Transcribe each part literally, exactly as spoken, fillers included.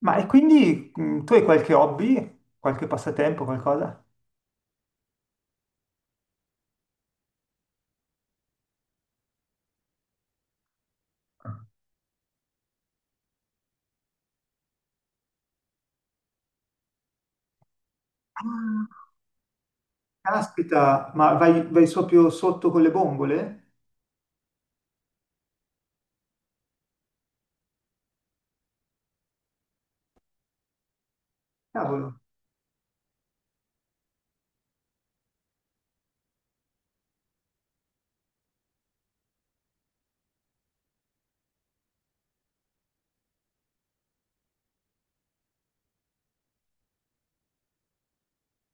Ma e quindi mh, tu hai qualche hobby, qualche passatempo, qualcosa? Caspita, ma vai, vai proprio sotto con le bombole? Cavolo.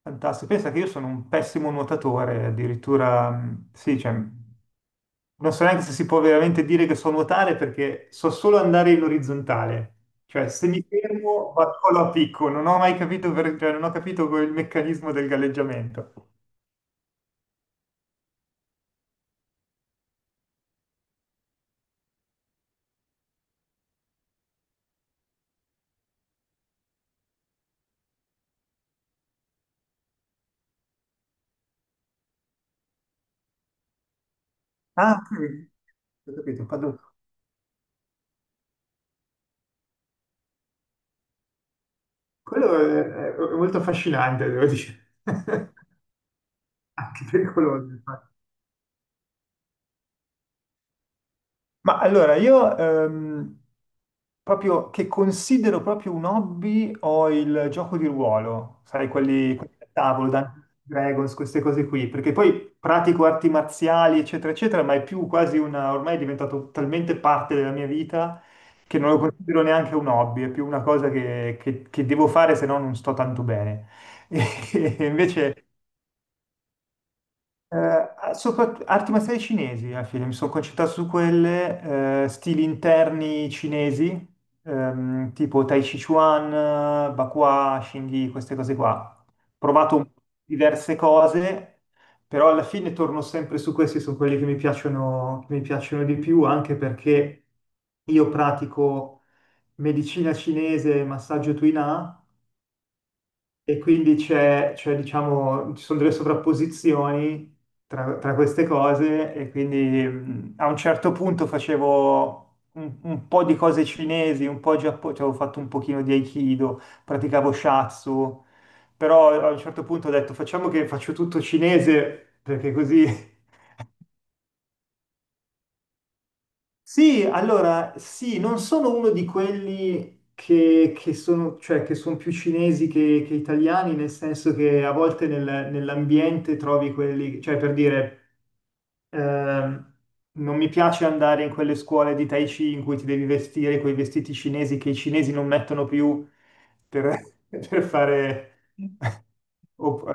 Fantastico. Pensa che io sono un pessimo nuotatore, addirittura, mh, sì, cioè, non so neanche se si può veramente dire che so nuotare perché so solo andare in orizzontale. Cioè, se mi fermo, vado solo a picco, non ho mai capito, per- cioè, non ho capito quel meccanismo del galleggiamento. Ah, ok. Ho capito, padel- Quello è, è molto affascinante, devo dire. Anche pericoloso, infatti. Ma allora, io ehm, proprio che considero proprio un hobby ho il gioco di ruolo, sai, quelli, quelli da tavolo, Dungeons and Dragons, queste cose qui, perché poi pratico arti marziali, eccetera, eccetera, ma è più quasi una, ormai è diventato talmente parte della mia vita che non lo considero neanche un hobby, è più una cosa che, che- che devo fare, se no non sto tanto bene. E invece Eh, soprat- arti marziali cinesi alla fine, mi sono concentrato su quelle, eh, stili interni cinesi, ehm, tipo Tai Chi Chuan, eh, Bakua, Xingyi, queste cose qua. Ho provato un- diverse cose, però alla fine torno sempre su questi, sono quelli che mi piacciono, che mi piacciono di più, anche perché io pratico medicina cinese e massaggio Tuina e quindi c'è, c'è, diciamo, ci sono delle sovrapposizioni tra, tra queste cose e quindi mh, a un certo punto facevo un, un po' di cose cinesi, un po' giapponese, cioè, avevo fatto un pochino di Aikido, praticavo Shatsu, però a un certo punto ho detto facciamo che faccio tutto cinese perché così Sì, allora, sì, non sono uno di quelli che, che sono, cioè, che sono più cinesi che, che italiani, nel senso che a volte nel- nell'ambiente trovi quelli, cioè per dire, ehm, non mi piace andare in quelle scuole di Tai Chi in cui ti devi vestire quei vestiti cinesi che i cinesi non mettono più per, per fare, o-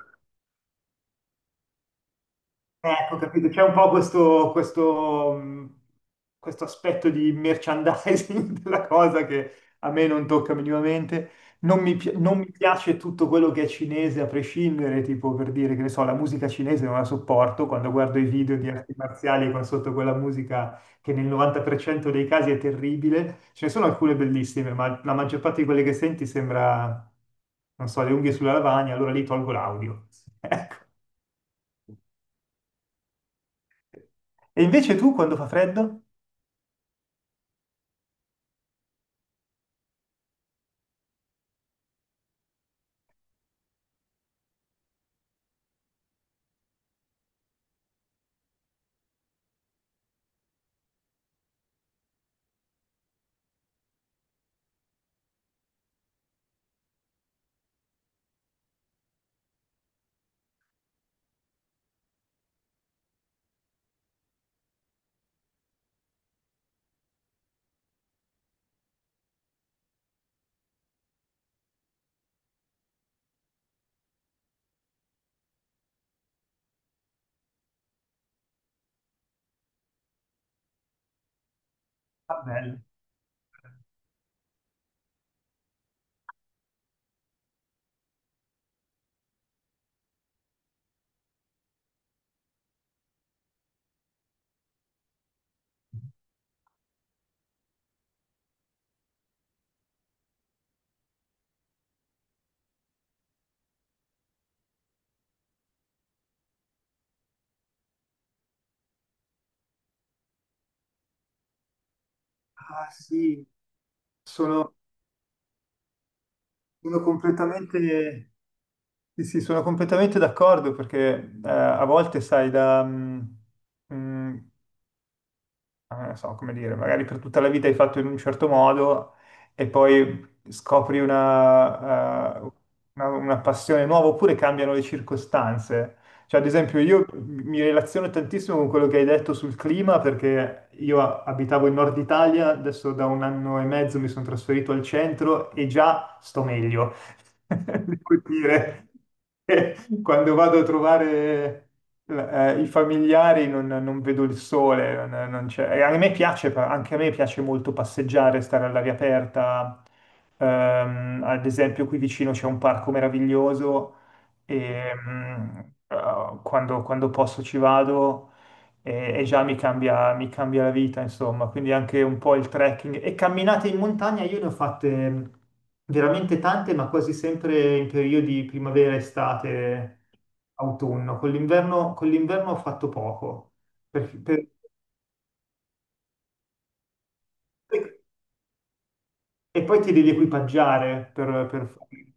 Ecco, capito, c'è un po' questo, questo, mh, questo aspetto di merchandising della cosa che a me non tocca minimamente. Non mi, pi- non mi piace tutto quello che è cinese a prescindere, tipo per dire che ne so, la musica cinese non la sopporto quando guardo i video di arti marziali con sotto quella musica che nel novanta per cento dei casi è terribile. Ce ne sono alcune bellissime, ma la maggior parte di quelle che senti sembra, non so, le unghie sulla lavagna, allora lì tolgo l'audio. Ecco. E invece tu quando fa freddo? Ah, bello. Ah, sì, sono, sono completamente, sì, sì, sono completamente d'accordo perché eh, a volte, sai, da, mm, mm, eh, non so come dire, magari per tutta la vita hai fatto in un certo modo e poi scopri una, eh, una- una passione nuova oppure cambiano le circostanze. Cioè, ad esempio, io mi relaziono tantissimo con quello che hai detto sul clima perché io a- abitavo in Nord Italia, adesso da un anno e mezzo mi sono trasferito al centro e già sto meglio. Devo dire che quando vado a trovare eh, i familiari non, non vedo il sole, non, non c'è. E a me piace, anche a me piace molto passeggiare, stare all'aria aperta. Ehm, ad esempio, qui vicino c'è un parco meraviglioso e mm, eh, quando, quando posso ci vado e, e già mi cambia, mi cambia la vita, insomma, quindi anche un po' il trekking. E camminate in montagna io ne ho fatte mm, veramente tante, ma quasi sempre in periodi primavera, estate, autunno. Con l'inverno con l'inverno ho fatto poco, per, per- e poi ti devi equipaggiare per, per fare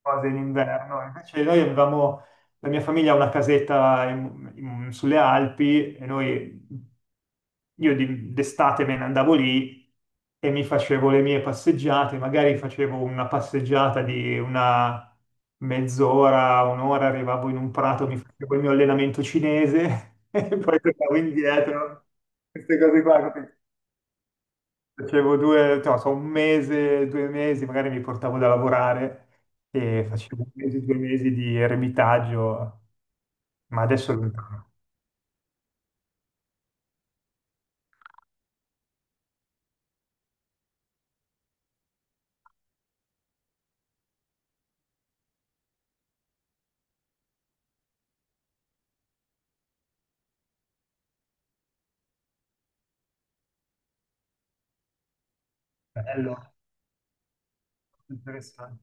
cose in inverno. Invece noi avevamo, la mia famiglia ha una casetta in- in- sulle Alpi e noi, io di- d'estate me ne andavo lì e mi facevo le mie passeggiate, magari facevo una passeggiata di una mezz'ora, un'ora, arrivavo in un prato, mi facevo il mio allenamento cinese e poi tornavo indietro. Queste cose qua. Capito? Facevo due, no, so, un mese, due mesi, magari mi portavo da lavorare e facevo un mese, due mesi di eremitaggio, ma adesso è lontano. Bello, interessante.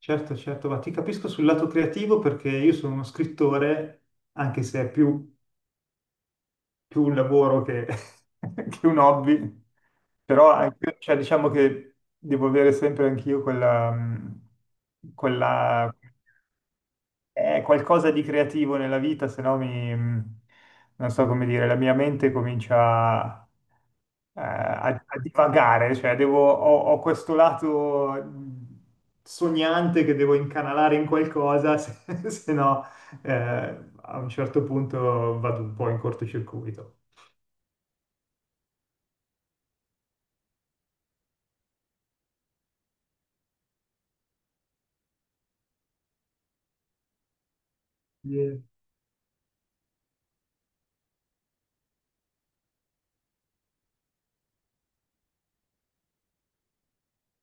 Certo, certo, ma ti capisco sul lato creativo perché io sono uno scrittore, anche se è più, più un lavoro che, che un hobby, però anch'io- cioè, diciamo che devo avere sempre anch'io quella, mh, quella eh, qualcosa di creativo nella vita, se no mi, non so come dire, la mia mente comincia eh, a, a divagare, cioè devo, ho, ho questo lato mh, sognante che devo incanalare in qualcosa, se, se no eh, a un certo punto vado un po' in cortocircuito.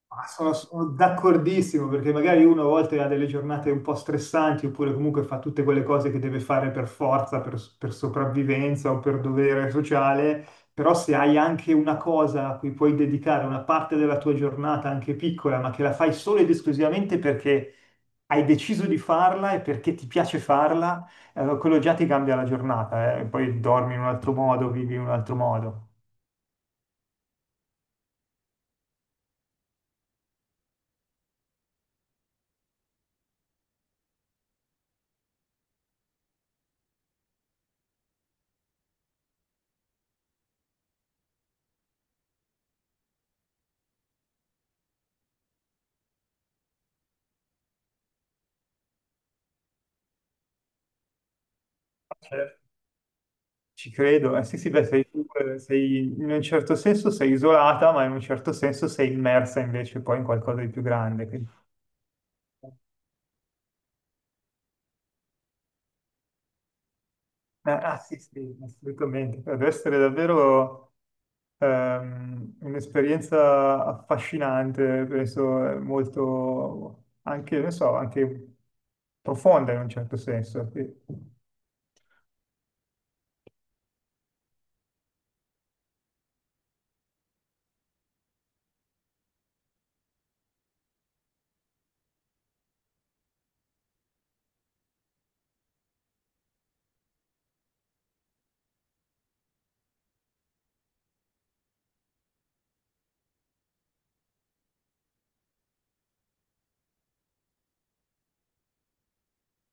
Ah, sono, sono d'accordissimo perché magari uno a volte ha delle giornate un po' stressanti oppure comunque fa tutte quelle cose che deve fare per forza, per, per sopravvivenza o per dovere sociale, però se hai anche una cosa a cui puoi dedicare una parte della tua giornata, anche piccola, ma che la fai solo ed esclusivamente perché hai deciso di farla e perché ti piace farla, allora quello già ti cambia la giornata, eh. Poi dormi in un altro modo, vivi in un altro modo. Ci credo, eh, sì, sì, beh, sei, tu, eh, sei- in un certo senso sei isolata, ma in un certo senso sei immersa invece poi in qualcosa di più grande. Quindi- eh, ah, sì, sì, assolutamente. Cioè, deve essere davvero ehm, un'esperienza affascinante, penso eh, molto anche, non so, anche profonda in un certo senso. Sì.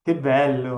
Che bello.